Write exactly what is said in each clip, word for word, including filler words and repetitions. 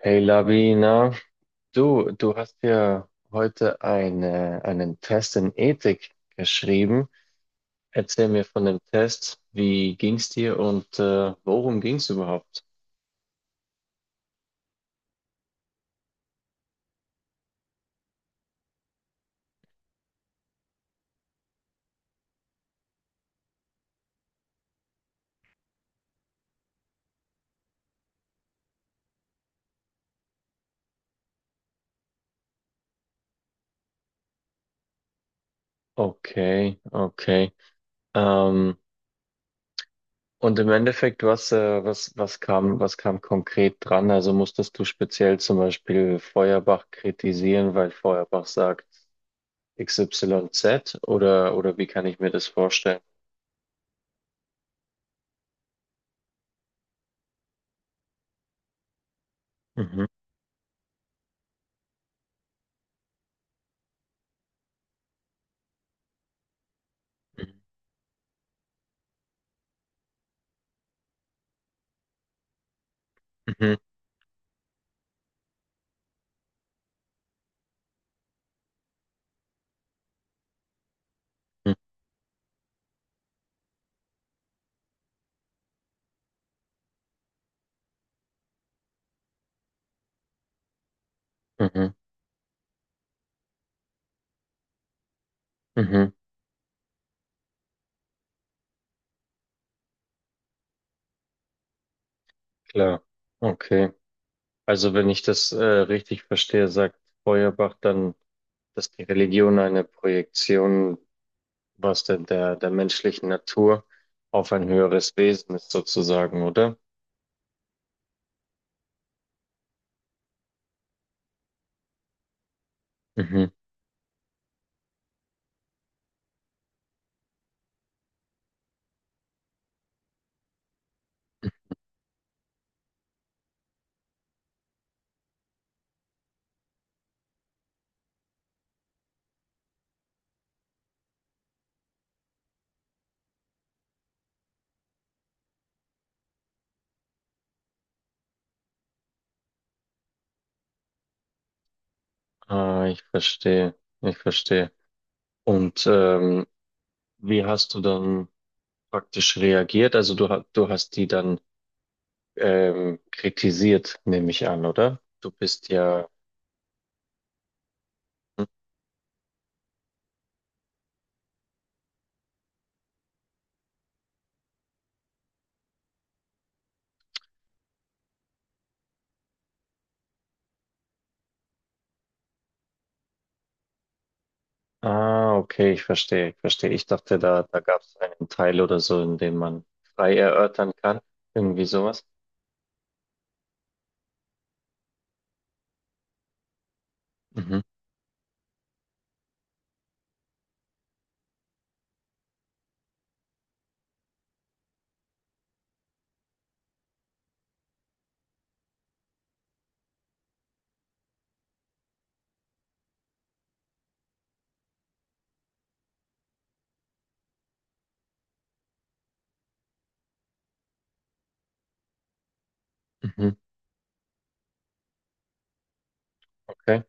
Hey Labina, du, du hast ja heute eine, einen Test in Ethik geschrieben. Erzähl mir von dem Test. Wie ging's dir und äh, worum ging's überhaupt? Okay, okay. Ähm, und im Endeffekt, was, äh, was, was kam, was kam konkret dran? Also musstest du speziell zum Beispiel Feuerbach kritisieren, weil Feuerbach sagt X Y Z oder, oder wie kann ich mir das vorstellen? Mhm. Mhm. Mhm. Mhm. Mhm. Klar, okay. Also wenn ich das äh, richtig verstehe, sagt Feuerbach dann, dass die Religion eine Projektion, was denn der, der menschlichen Natur auf ein höheres Wesen ist sozusagen, oder? Mhm. Ah, ich verstehe, ich verstehe. Und ähm, wie hast du dann praktisch reagiert? Also du, ha- du hast die dann ähm, kritisiert, nehme ich an, oder? Du bist ja, hm? Ah, okay, ich verstehe, ich verstehe. Ich dachte, da, da gab es einen Teil oder so, in dem man frei erörtern kann. Irgendwie sowas. Mhm, mhm, okay.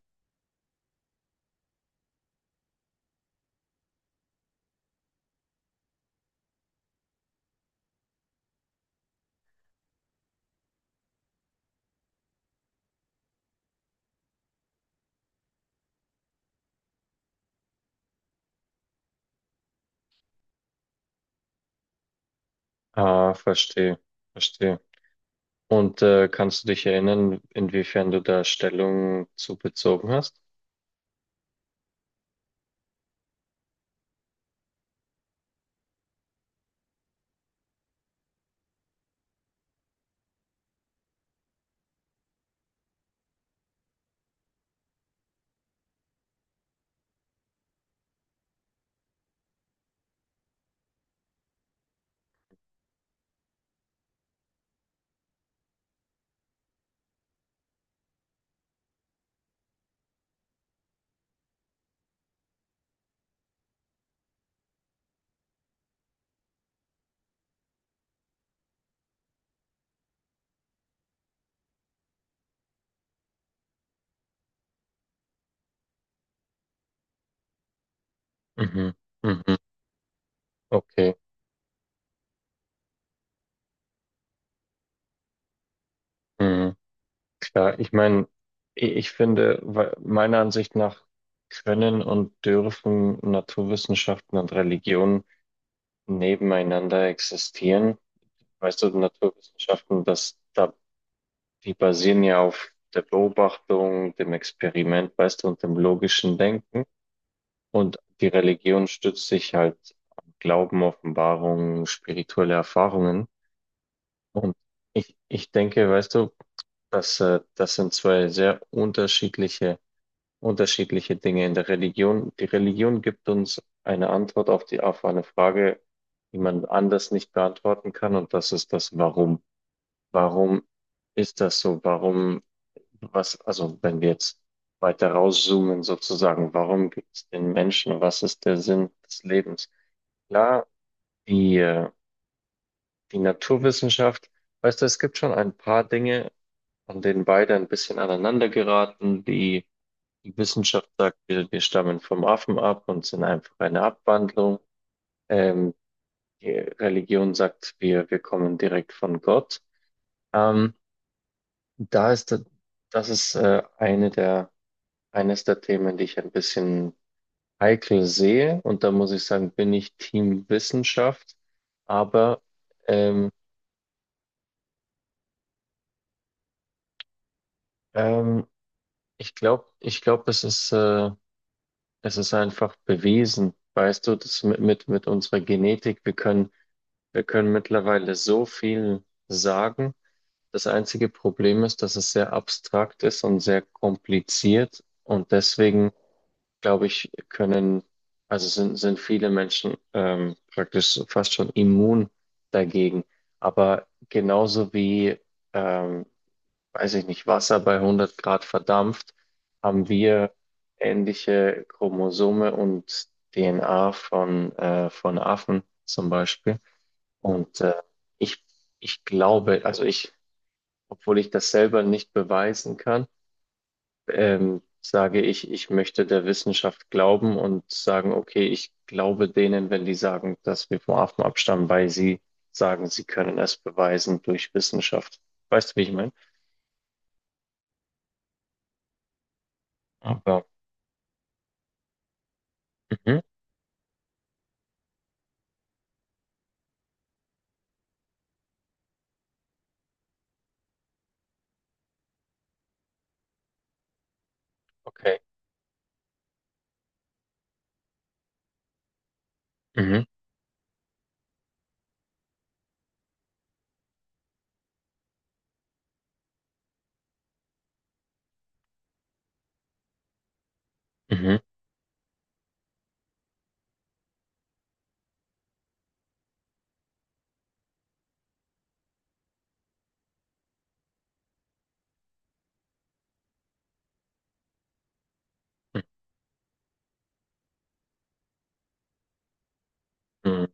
Ah, verstehe, verstehe. Und äh, kannst du dich erinnern, inwiefern du da Stellung zu bezogen hast? Mhm, mhm, okay. Mhm. Klar, ich meine, ich, ich finde, we- meiner Ansicht nach können und dürfen Naturwissenschaften und Religion nebeneinander existieren. Weißt du, Naturwissenschaften, das, da, die basieren ja auf der Beobachtung, dem Experiment, weißt du, und dem logischen Denken. Und die Religion stützt sich halt am Glauben, Offenbarungen, spirituelle Erfahrungen. Und ich, ich denke, weißt du, dass, äh, das sind zwei sehr unterschiedliche, unterschiedliche Dinge in der Religion. Die Religion gibt uns eine Antwort auf die, auf eine Frage, die man anders nicht beantworten kann. Und das ist das Warum. Warum ist das so? Warum, was, also wenn wir jetzt weiter rauszoomen sozusagen, warum gibt es den Menschen? Was ist der Sinn des Lebens? Klar, die, äh, die Naturwissenschaft, weißt du, es gibt schon ein paar Dinge, an denen beide ein bisschen aneinander geraten. Die, die Wissenschaft sagt, wir, wir stammen vom Affen ab und sind einfach eine Abwandlung. Ähm, die Religion sagt, wir, wir kommen direkt von Gott. Ähm, Da ist, da- das ist äh, eine der, eines der Themen, die ich ein bisschen heikel sehe. Und da muss ich sagen, bin ich Team Wissenschaft. Aber ähm, ähm, ich glaube, ich glaube es ist, äh, es ist einfach bewiesen, weißt du, das mit, mit, mit unserer Genetik, wir können, wir können mittlerweile so viel sagen. Das einzige Problem ist, dass es sehr abstrakt ist und sehr kompliziert. Und deswegen glaube ich, können, also sind, sind viele Menschen ähm, praktisch fast schon immun dagegen. Aber genauso wie, ähm, weiß ich nicht, Wasser bei hundert Grad verdampft, haben wir ähnliche Chromosome und D N A von, äh, von Affen zum Beispiel. Und äh, ich, ich glaube, also ich, obwohl ich das selber nicht beweisen kann, ähm, sage ich, ich möchte der Wissenschaft glauben und sagen, okay, ich glaube denen, wenn die sagen, dass wir vom Affen abstammen, weil sie sagen, sie können es beweisen durch Wissenschaft. Weißt du, wie ich meine? Aber, mhm, okay. Mhm, mhm, mhm,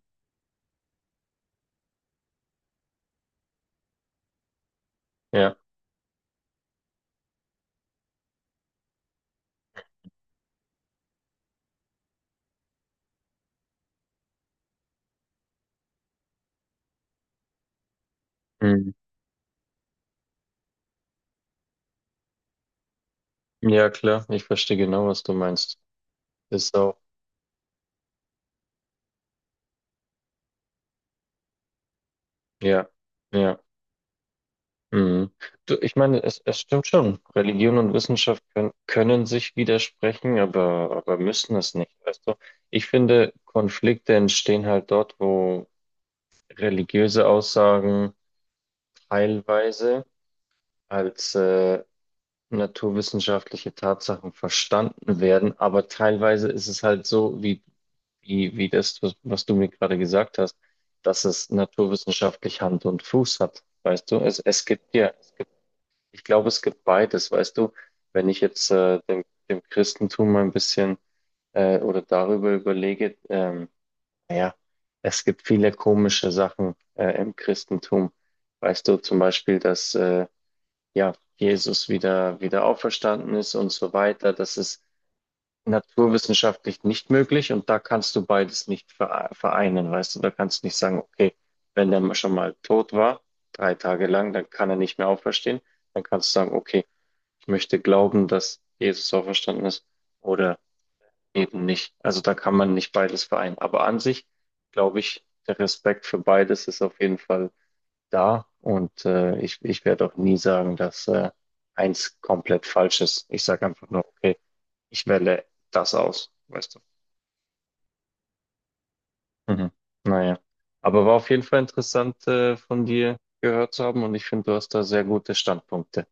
ja, mhm. Ja, klar, ich verstehe genau, was du meinst. Ist auch, ja, ja. Mhm. Du, ich meine, es, es stimmt schon. Religion und Wissenschaft können, können sich widersprechen, aber, aber müssen es nicht, weißt du? Ich finde, Konflikte entstehen halt dort, wo religiöse Aussagen teilweise als äh, naturwissenschaftliche Tatsachen verstanden werden, aber teilweise ist es halt so, wie, wie, wie das, was, was du mir gerade gesagt hast, dass es naturwissenschaftlich Hand und Fuß hat, weißt du? Es, es gibt ja. Ich glaube, es gibt beides, weißt du, wenn ich jetzt äh, dem, dem Christentum mal ein bisschen äh, oder darüber überlege, ähm, naja, es gibt viele komische Sachen äh, im Christentum. Weißt du, zum Beispiel, dass äh, ja, Jesus wieder, wieder auferstanden ist und so weiter. Das ist naturwissenschaftlich nicht möglich und da kannst du beides nicht vere- vereinen, weißt du, da kannst du nicht sagen, okay, wenn der schon mal tot war, drei Tage lang, dann kann er nicht mehr auferstehen, dann kannst du sagen, okay, ich möchte glauben, dass Jesus auferstanden ist oder eben nicht. Also da kann man nicht beides vereinen. Aber an sich glaube ich, der Respekt für beides ist auf jeden Fall da und äh, ich, ich werde auch nie sagen, dass äh, eins komplett falsch ist. Ich sage einfach nur, okay, ich wähle das aus, weißt du. Mhm. Naja, aber war auf jeden Fall interessant äh, von dir gehört zu haben und ich finde, du hast da sehr gute Standpunkte.